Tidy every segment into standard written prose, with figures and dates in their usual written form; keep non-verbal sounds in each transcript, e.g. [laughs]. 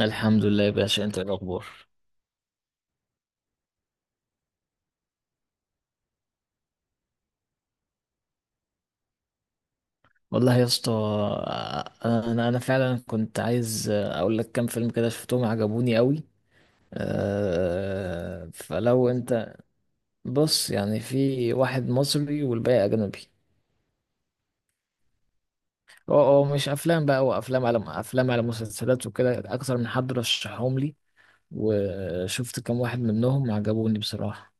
الحمد لله يا باشا، انت ايه الاخبار؟ والله يا اسطى، انا فعلا كنت عايز اقول لك كام فيلم كده شفتهم عجبوني قوي. فلو انت. بص، يعني في واحد مصري والباقي اجنبي. اه، اه، مش افلام بقى، وافلام على افلام على مسلسلات، وكده اكتر من حد رشحهم لي وشفت كام واحد منهم عجبوني بصراحة.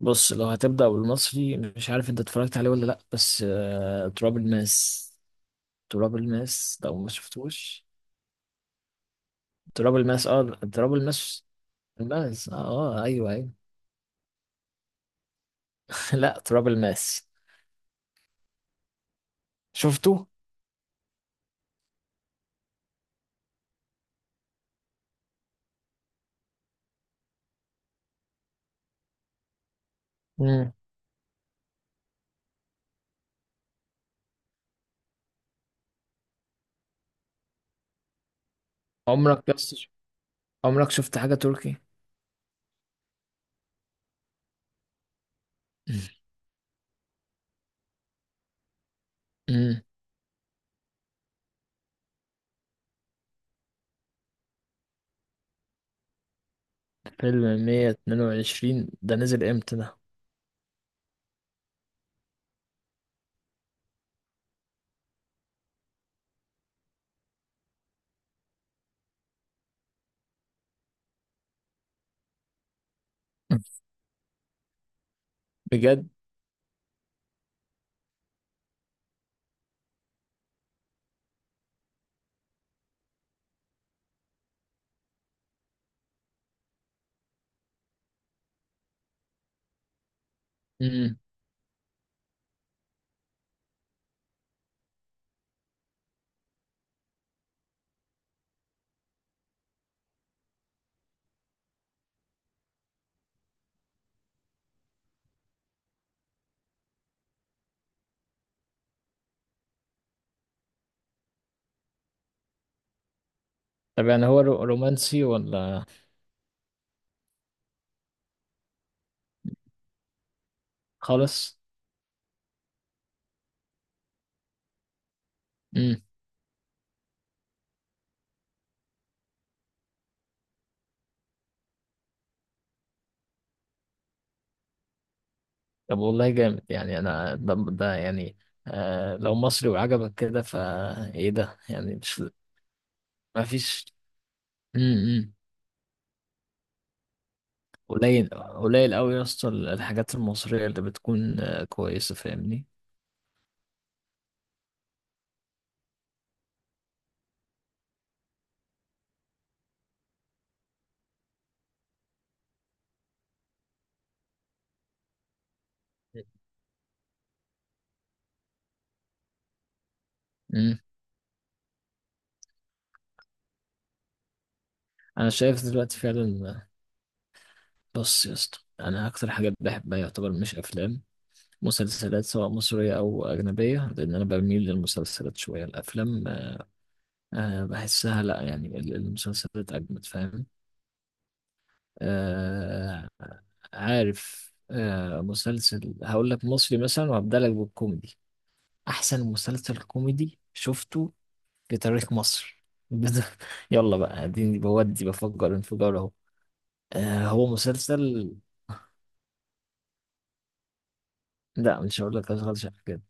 بص، لو هتبدأ بالمصري مش عارف انت اتفرجت عليه ولا لا، بس تراب الماس. تراب الماس لو ما شفتوش. تراب الماس، اه. تراب الماس. الماس، اه. ايوه، ايوه. [laughs] لا، تراب الماس. شفته؟ مم. عمرك بس، عمرك شفت حاجة تركي؟ امم فيلم 122 ده نزل امتى ده؟ مم. بجد. امم طب يعني هو رومانسي ولا؟ خالص. امم طب والله جامد، يعني انا ده يعني. لو مصري وعجبك كده، فايه ده، يعني مش. ما فيش. امم قليل، قليل قوي يا اسطى الحاجات المصرية اللي بتكون كويسة، فاهمني؟ امم انا شايف دلوقتي فعلا. بص يا اسطى، انا اكتر حاجات بحبها يعتبر مش افلام، مسلسلات، سواء مصرية أو أجنبية، لأن أنا بميل للمسلسلات شوية. الأفلام بحسها لأ، يعني المسلسلات أجمد، فاهم؟ آه، عارف مسلسل هقول لك مصري مثلا، وهبدأ لك بالكوميدي. أحسن مسلسل كوميدي شفته بتاريخ مصر. [laughs] بت- يلا بقى، اديني بودي بفكر، انفجار اهو. هو مسلسل. لا، مش هقول لك اشغال شقة كده.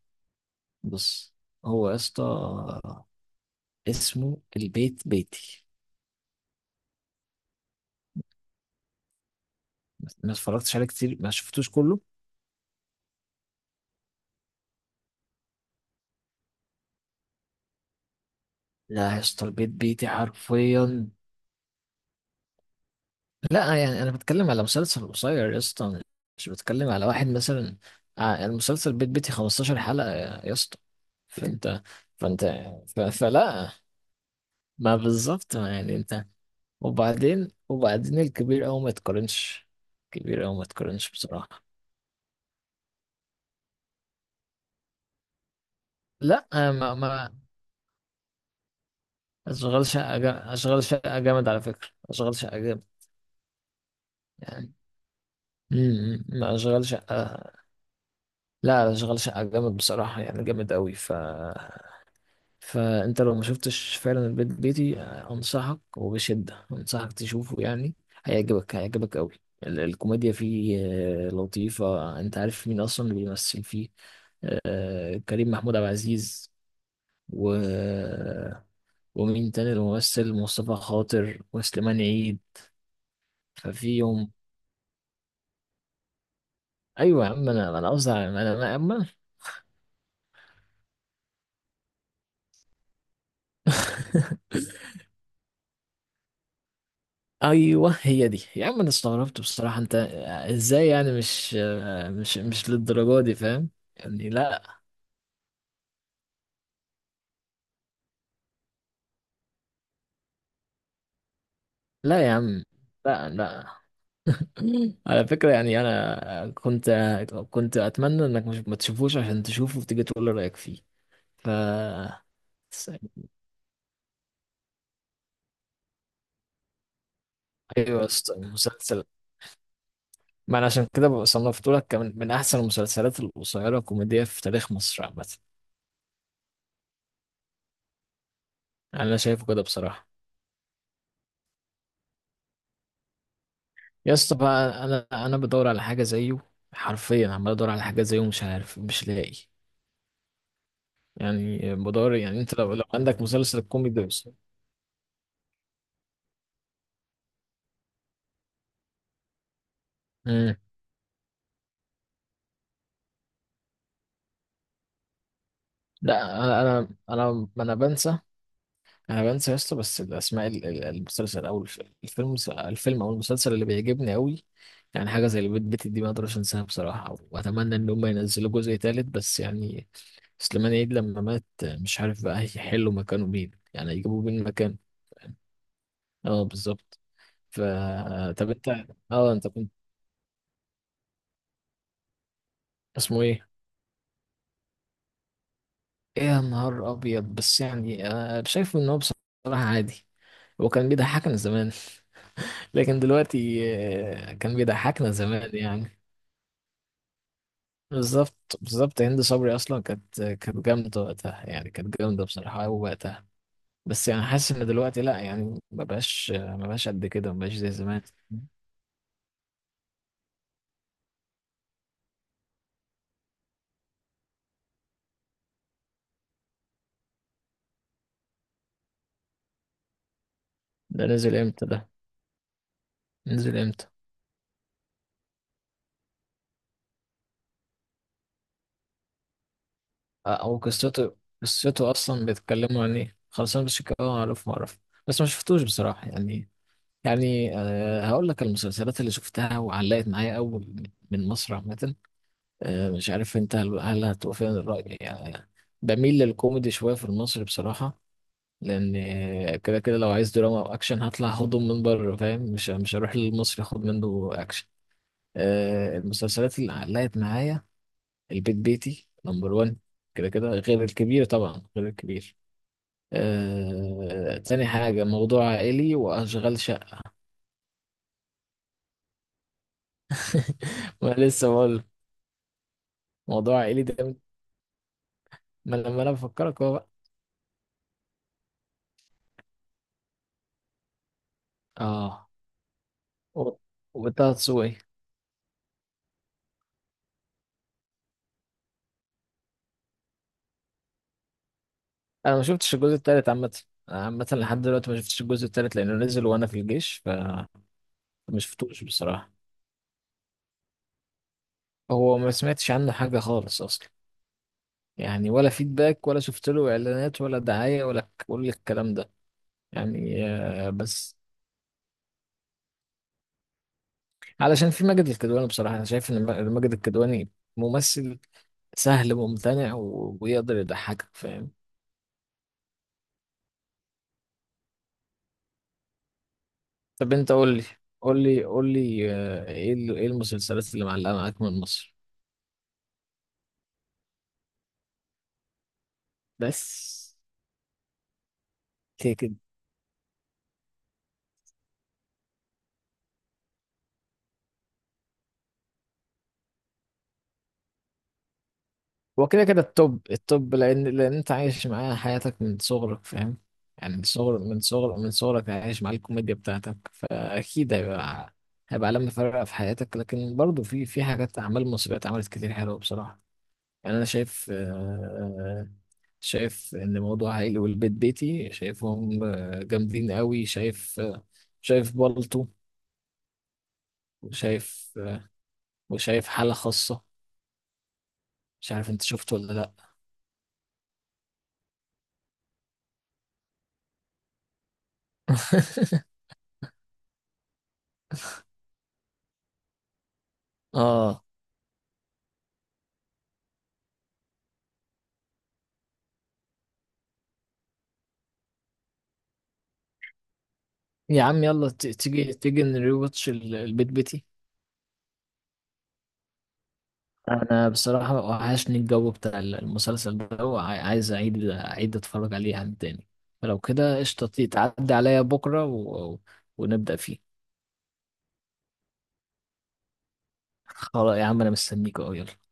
بص، هو يا اسطى، اسمه البيت بيتي. ما اتفرجتش عليه كتير، ما شفتوش كله. لا يا اسطى، البيت بيتي حرفيا. لا، يعني انا بتكلم على مسلسل قصير يا اسطى، مش بتكلم على واحد مثلا. المسلسل بيت بيتي 15 حلقة يا اسطى. فانت. فانت فلا ما بالظبط، يعني انت. وبعدين الكبير أوي ما يتقارنش، كبير أوي ما يتقارنش بصراحة. لا، ما أشغال شقة، أشغال شقة جامد، على فكرة أشغال شقة جامد، يعني. ما أشغال شقة، لا، أشغال شقة جامد بصراحة، يعني جامد أوي. ف، فأنت لو ما شفتش فعلا البيت بيتي، أنصحك، وبشدة أنصحك تشوفه يعني. هيعجبك أوي. الكوميديا فيه لطيفة. أنت عارف مين أصلا اللي بيمثل فيه؟ كريم محمود عبد العزيز، و... ومين تاني الممثل، مصطفى خاطر وسليمان عيد. ففيهم. ايوه يا عم، انا قصدي [laughs] ايوه هي دي يا عم، انا استغربت بصراحه. انت ازاي؟ يعني مش للدرجه دي، فاهم؟ يعني لا. لا يا عم، لا، لا. [laughs] على فكره، يعني انا كنت اتمنى انك مش ما تشوفوش، عشان تشوفه وتيجي تقول لي رايك فيه. ف، ايوه يا اسطى، مسلسل. ما انا عشان كده صنفته لك، كمان من احسن المسلسلات القصيره الكوميديه في تاريخ مصر عامه. انا شايفه كده بصراحه. يا اسطى بقى، انا بدور على حاجه زيه، حرفيا عمال ادور على حاجه زيه، مش عارف، مش لاقي. يعني بدور، يعني انت لو عندك مسلسل كوميدي، بس. امم لا، انا بنسى. انا بنسى يا اسطى، بس الاسماء. المسلسل او الفيلم او المسلسل اللي بيعجبني قوي، يعني حاجه زي البيت بيتي دي، ما اقدرش انساها بصراحه. واتمنى ان هم ينزلوا جزء تالت، بس يعني سليمان عيد لما مات، مش عارف بقى هيحلوا مكانه مين، يعني هيجيبوا مين مكانه. اه، بالظبط. ف، طب انت. اه انت كنت، اسمه ايه؟ ايه، يا نهار ابيض. بس يعني شايفه ان هو بصراحة عادي. هو كان بيضحكنا زمان. [laughs] لكن دلوقتي كان بيضحكنا زمان يعني. بالظبط، بالظبط، هند صبري اصلا كانت جامده وقتها، يعني كانت جامده بصراحه قوي وقتها. بس يعني حاسس ان دلوقتي لا، يعني ما بقاش قد كده، ما بقاش زي زمان. ده نزل امتى؟ ده نزل امتى؟ او قصته، قصته اصلا بيتكلموا عن ايه؟ خلصان، بس كده اه اعرف، ما اعرف. بس ما شفتوش بصراحه، يعني. يعني هقول لك المسلسلات اللي شفتها وعلقت معايا اول من مصر عامه. مش عارف انت، هل هتوافقني الراي يعني. بميل للكوميدي شويه في المصري بصراحه، لان كده كده لو عايز دراما او اكشن، هطلع هضم من بره فاهم، مش هروح للمصري اخد منه اكشن. المسلسلات اللي علقت معايا، البيت بيتي نمبر 1، كده كده، غير الكبير طبعا، غير الكبير. تاني حاجة، موضوع عائلي، وأشغال شقة. [laughs] ما لسه بقول. موضوع عائلي ده، ما لما أنا بفكرك هو بقى. آه و- وطه دسوقي. أنا ما شفتش الجزء التالت عامة. أنا عامة لحد دلوقتي ما شفتش الجزء التالت، لأنه نزل وأنا في الجيش، فما شفتوش بصراحة. هو ما سمعتش عنه حاجة خالص أصلا، يعني ولا فيدباك، ولا شفت له إعلانات، ولا دعاية، ولا كل الكلام ده يعني. بس علشان في ماجد الكدواني بصراحة. أنا شايف إن ماجد الكدواني ممثل سهل وممتنع، ويقدر يضحكك، فاهم؟ طب أنت قول لي، قول لي، قول لي، إيه المسلسلات اللي معلقة معاك من مصر، بس. كده كده، هو كده كده التوب، التوب، لأن أنت عايش معاه حياتك من صغرك، فاهم؟ يعني من صغر، من صغرك عايش مع الكوميديا بتاعتك، فأكيد هيبقى، هيبقى علامة فارقة في حياتك. لكن برضه في في حاجات أعمال مصرية اتعملت كتير حلوة بصراحة، يعني. انا شايف شايف ان موضوع عائلي والبيت بيتي شايفهم جامدين قوي. شايف شايف بالطو، وشايف وشايف حالة خاصة، مش عارف انت شفته ولا لا. [laughs] اه. يا عم يلا، تيجي، تيجي نريواتش البيت بيتي. انا بصراحة وحشني الجو بتاع المسلسل ده، عايز اعيد، اتفرج عليه عن تاني. فلو كده قشطة، تعدي عليا بكرة و... ونبدأ فيه. خلاص يا عم، انا مستنيك اهو، يلا.